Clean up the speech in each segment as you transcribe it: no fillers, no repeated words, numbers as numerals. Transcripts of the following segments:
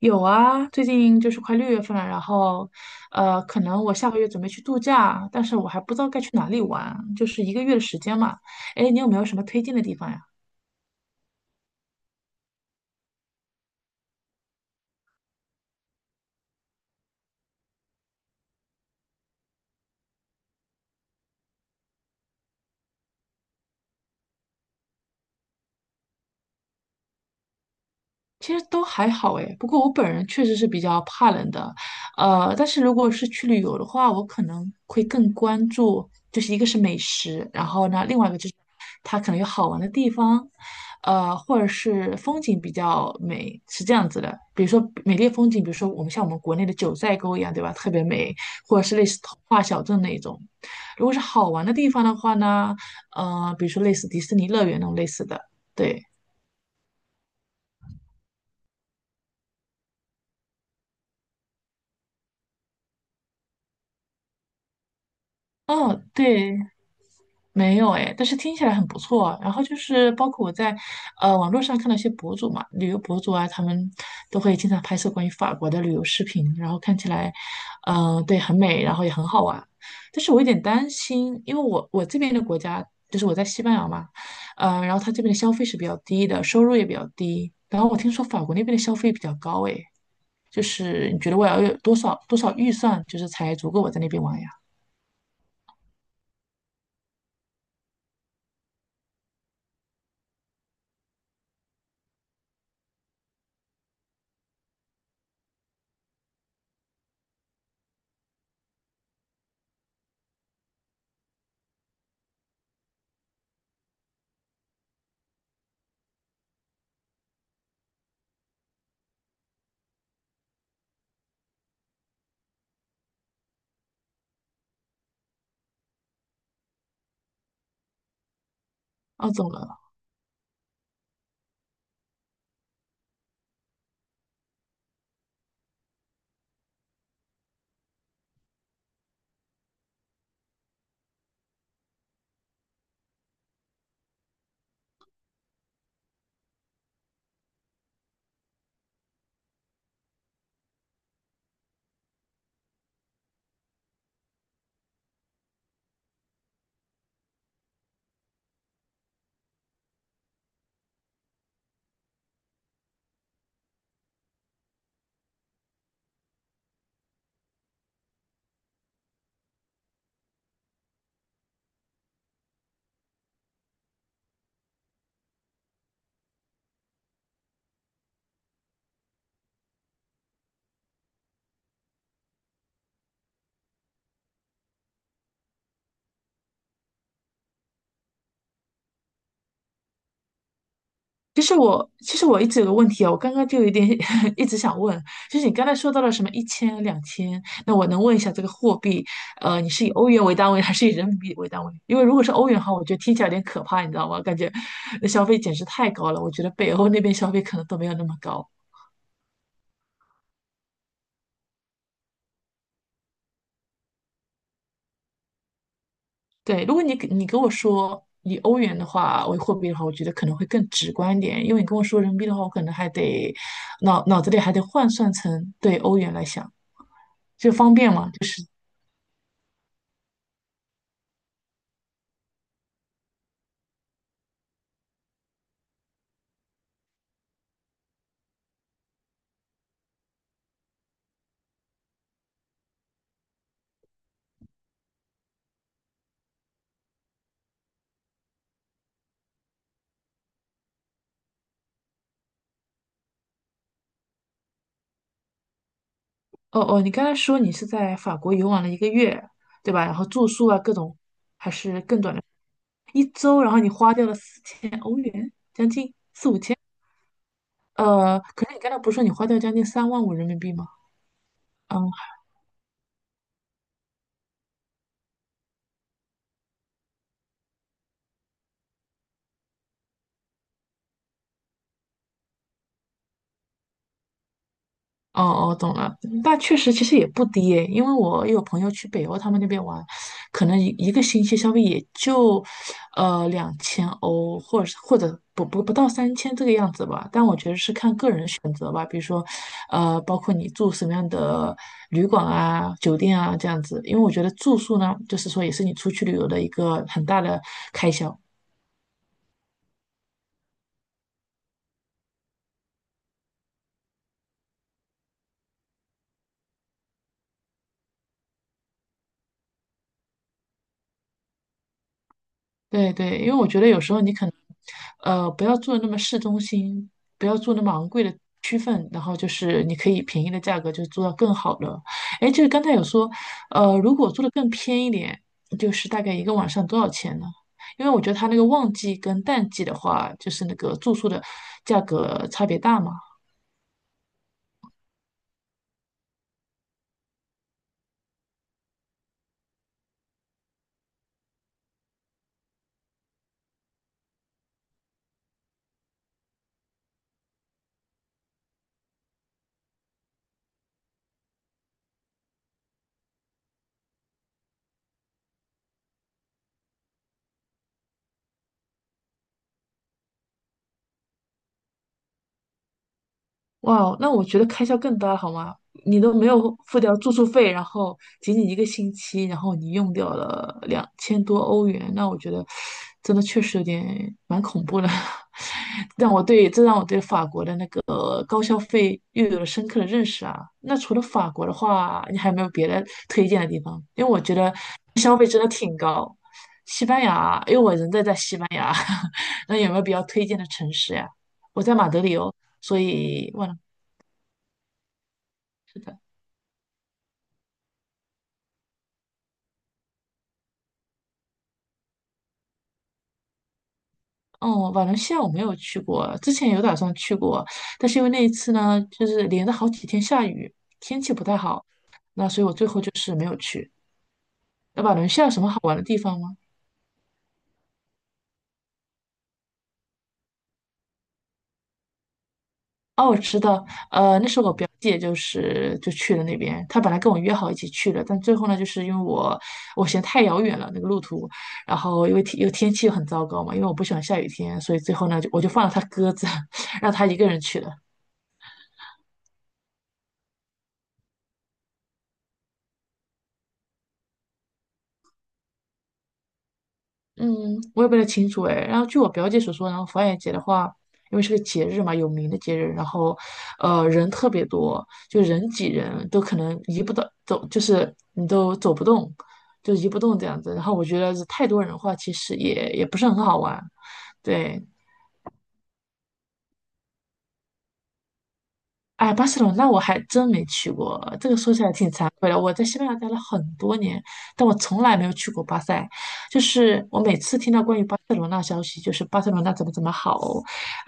有啊，最近就是快6月份了，然后，可能我下个月准备去度假，但是我还不知道该去哪里玩，就是一个月的时间嘛。哎，你有没有什么推荐的地方呀？其实都还好诶，不过我本人确实是比较怕冷的，但是如果是去旅游的话，我可能会更关注，就是一个是美食，然后呢，另外一个就是它可能有好玩的地方，或者是风景比较美，是这样子的。比如说美丽的风景，比如说我们像我们国内的九寨沟一样，对吧？特别美，或者是类似童话小镇那一种。如果是好玩的地方的话呢，比如说类似迪士尼乐园那种类似的，对，哦，对。没有哎，但是听起来很不错啊。然后就是包括我在网络上看到一些博主嘛，旅游博主啊，他们都会经常拍摄关于法国的旅游视频，然后看起来，对，很美，然后也很好玩。但是我有点担心，因为我这边的国家就是我在西班牙嘛，然后他这边的消费是比较低的，收入也比较低。然后我听说法国那边的消费比较高哎，就是你觉得我要有多少多少预算，就是才足够我在那边玩呀？哦，怎么了？其实我一直有个问题啊，我刚刚就有点 一直想问，就是你刚才说到了什么1000、两千，那我能问一下这个货币，你是以欧元为单位还是以人民币为单位？因为如果是欧元的话，我觉得听起来有点可怕，你知道吗？感觉那消费简直太高了，我觉得北欧那边消费可能都没有那么高。对，如果你给你跟我说以欧元的话为货币的话，我觉得可能会更直观一点，因为你跟我说人民币的话，我可能还得脑子里还得换算成对欧元来想，就方便嘛。哦哦，你刚才说你是在法国游玩了一个月，对吧？然后住宿啊，各种还是更短的，一周，然后你花掉了4000欧元，将近，可是你刚才不是说你花掉将近3万5人民币吗？嗯。哦哦，懂了。那确实，其实也不低诶，因为我有朋友去北欧他们那边玩，可能一个星期消费也就，2000欧，或者是或者不到3000这个样子吧。但我觉得是看个人选择吧，比如说，包括你住什么样的旅馆啊、酒店啊这样子。因为我觉得住宿呢，就是说也是你出去旅游的一个很大的开销。对对，因为我觉得有时候你可能，不要做得那么市中心，不要做那么昂贵的区分，然后就是你可以便宜的价格就做到更好的。哎，就是刚才有说，如果做的更偏一点，就是大概一个晚上多少钱呢？因为我觉得它那个旺季跟淡季的话，就是那个住宿的价格差别大嘛。哇哦，那我觉得开销更大了好吗？你都没有付掉住宿费，然后仅仅一个星期，然后你用掉了2000多欧元，那我觉得真的确实有点蛮恐怖的，让我对这让我对法国的那个高消费又有了深刻的认识啊。那除了法国的话，你还有没有别的推荐的地方？因为我觉得西班牙，因为我人在西班牙，那有没有比较推荐的城市呀？我在马德里哦，所以忘了。哦，瓦伦西亚我没有去过，之前有打算去过，但是因为那一次呢，就是连着好几天下雨，天气不太好，那所以我最后就是没有去。那瓦伦西亚有什么好玩的地方吗？哦，我知道，那时候我表姐就去了那边，她本来跟我约好一起去的，但最后呢，就是因为我嫌太遥远了那个路途，然后因为天又天气又很糟糕嘛，因为我不喜欢下雨天，所以最后呢，就我就放了她鸽子，让她一个人去了。嗯，我也不太清楚哎。然后据我表姐所说，然后佛爷节的话，因为是个节日嘛，有名的节日，然后人特别多，就人挤人，都可能移不到走，就是你都走不动，就移不动这样子。然后我觉得是太多人的话，其实也不是很好玩。对，哎，巴塞罗那我还真没去过，这个说起来挺惭愧的。我在西班牙待了很多年，但我从来没有去过巴塞。就是我每次听到关于巴塞罗那消息，就是巴塞罗那怎么怎么好，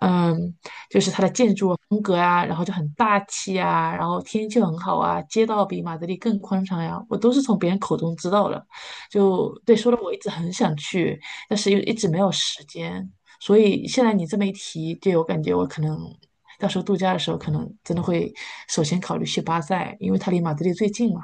嗯，就是它的建筑风格啊，然后就很大气啊，然后天气很好啊，街道比马德里更宽敞呀，我都是从别人口中知道的。就对，说的我一直很想去，但是又一直没有时间。所以现在你这么一提，对我感觉我可能到时候度假的时候，可能真的会首先考虑去巴塞，因为它离马德里最近嘛。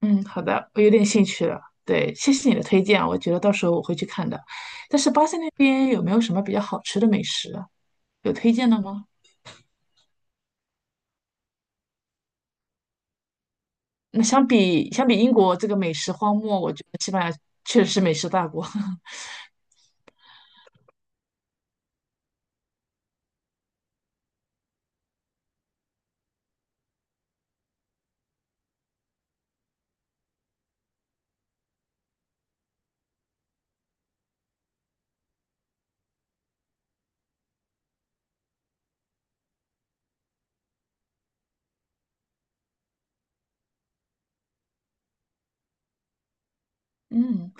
嗯，好的，我有点兴趣了。对，谢谢你的推荐啊，我觉得到时候我会去看的。但是巴塞那边有没有什么比较好吃的美食啊有推荐的吗？那相比英国这个美食荒漠，我觉得西班牙确实是美食大国。嗯。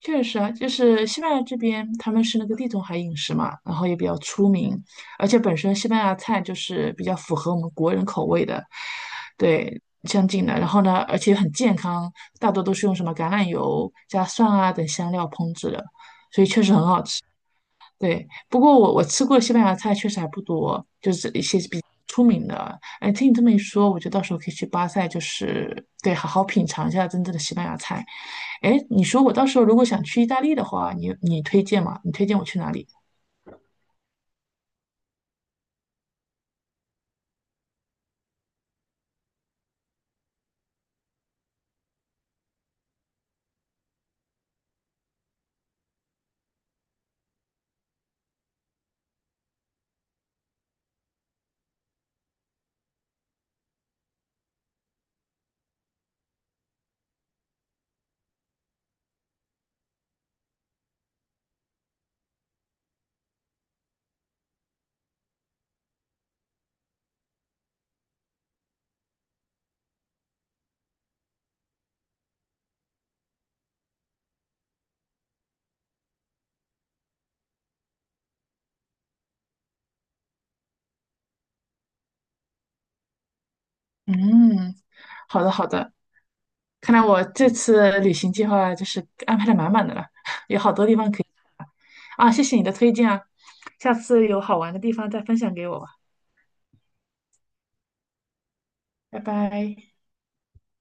确实啊，就是西班牙这边，他们是那个地中海饮食嘛，然后也比较出名，而且本身西班牙菜就是比较符合我们国人口味的，对，相近的。然后呢，而且很健康，大多都是用什么橄榄油加蒜啊等香料烹制的。对，不过我我吃过的西班牙菜确实还不多，就是出名的。哎，听你这么一说，我觉得到时候可以去巴塞，就是对，好好品尝一下真正的西班牙菜。哎，你说我到时候如果想去意大利的话，你推荐吗？你推荐我去哪里？嗯，好的好的，看来我这次旅行计划就是安排的满满的了，有好多地方可以啊，谢谢你的推荐啊，下次有好玩的地方再分享给我吧，拜拜。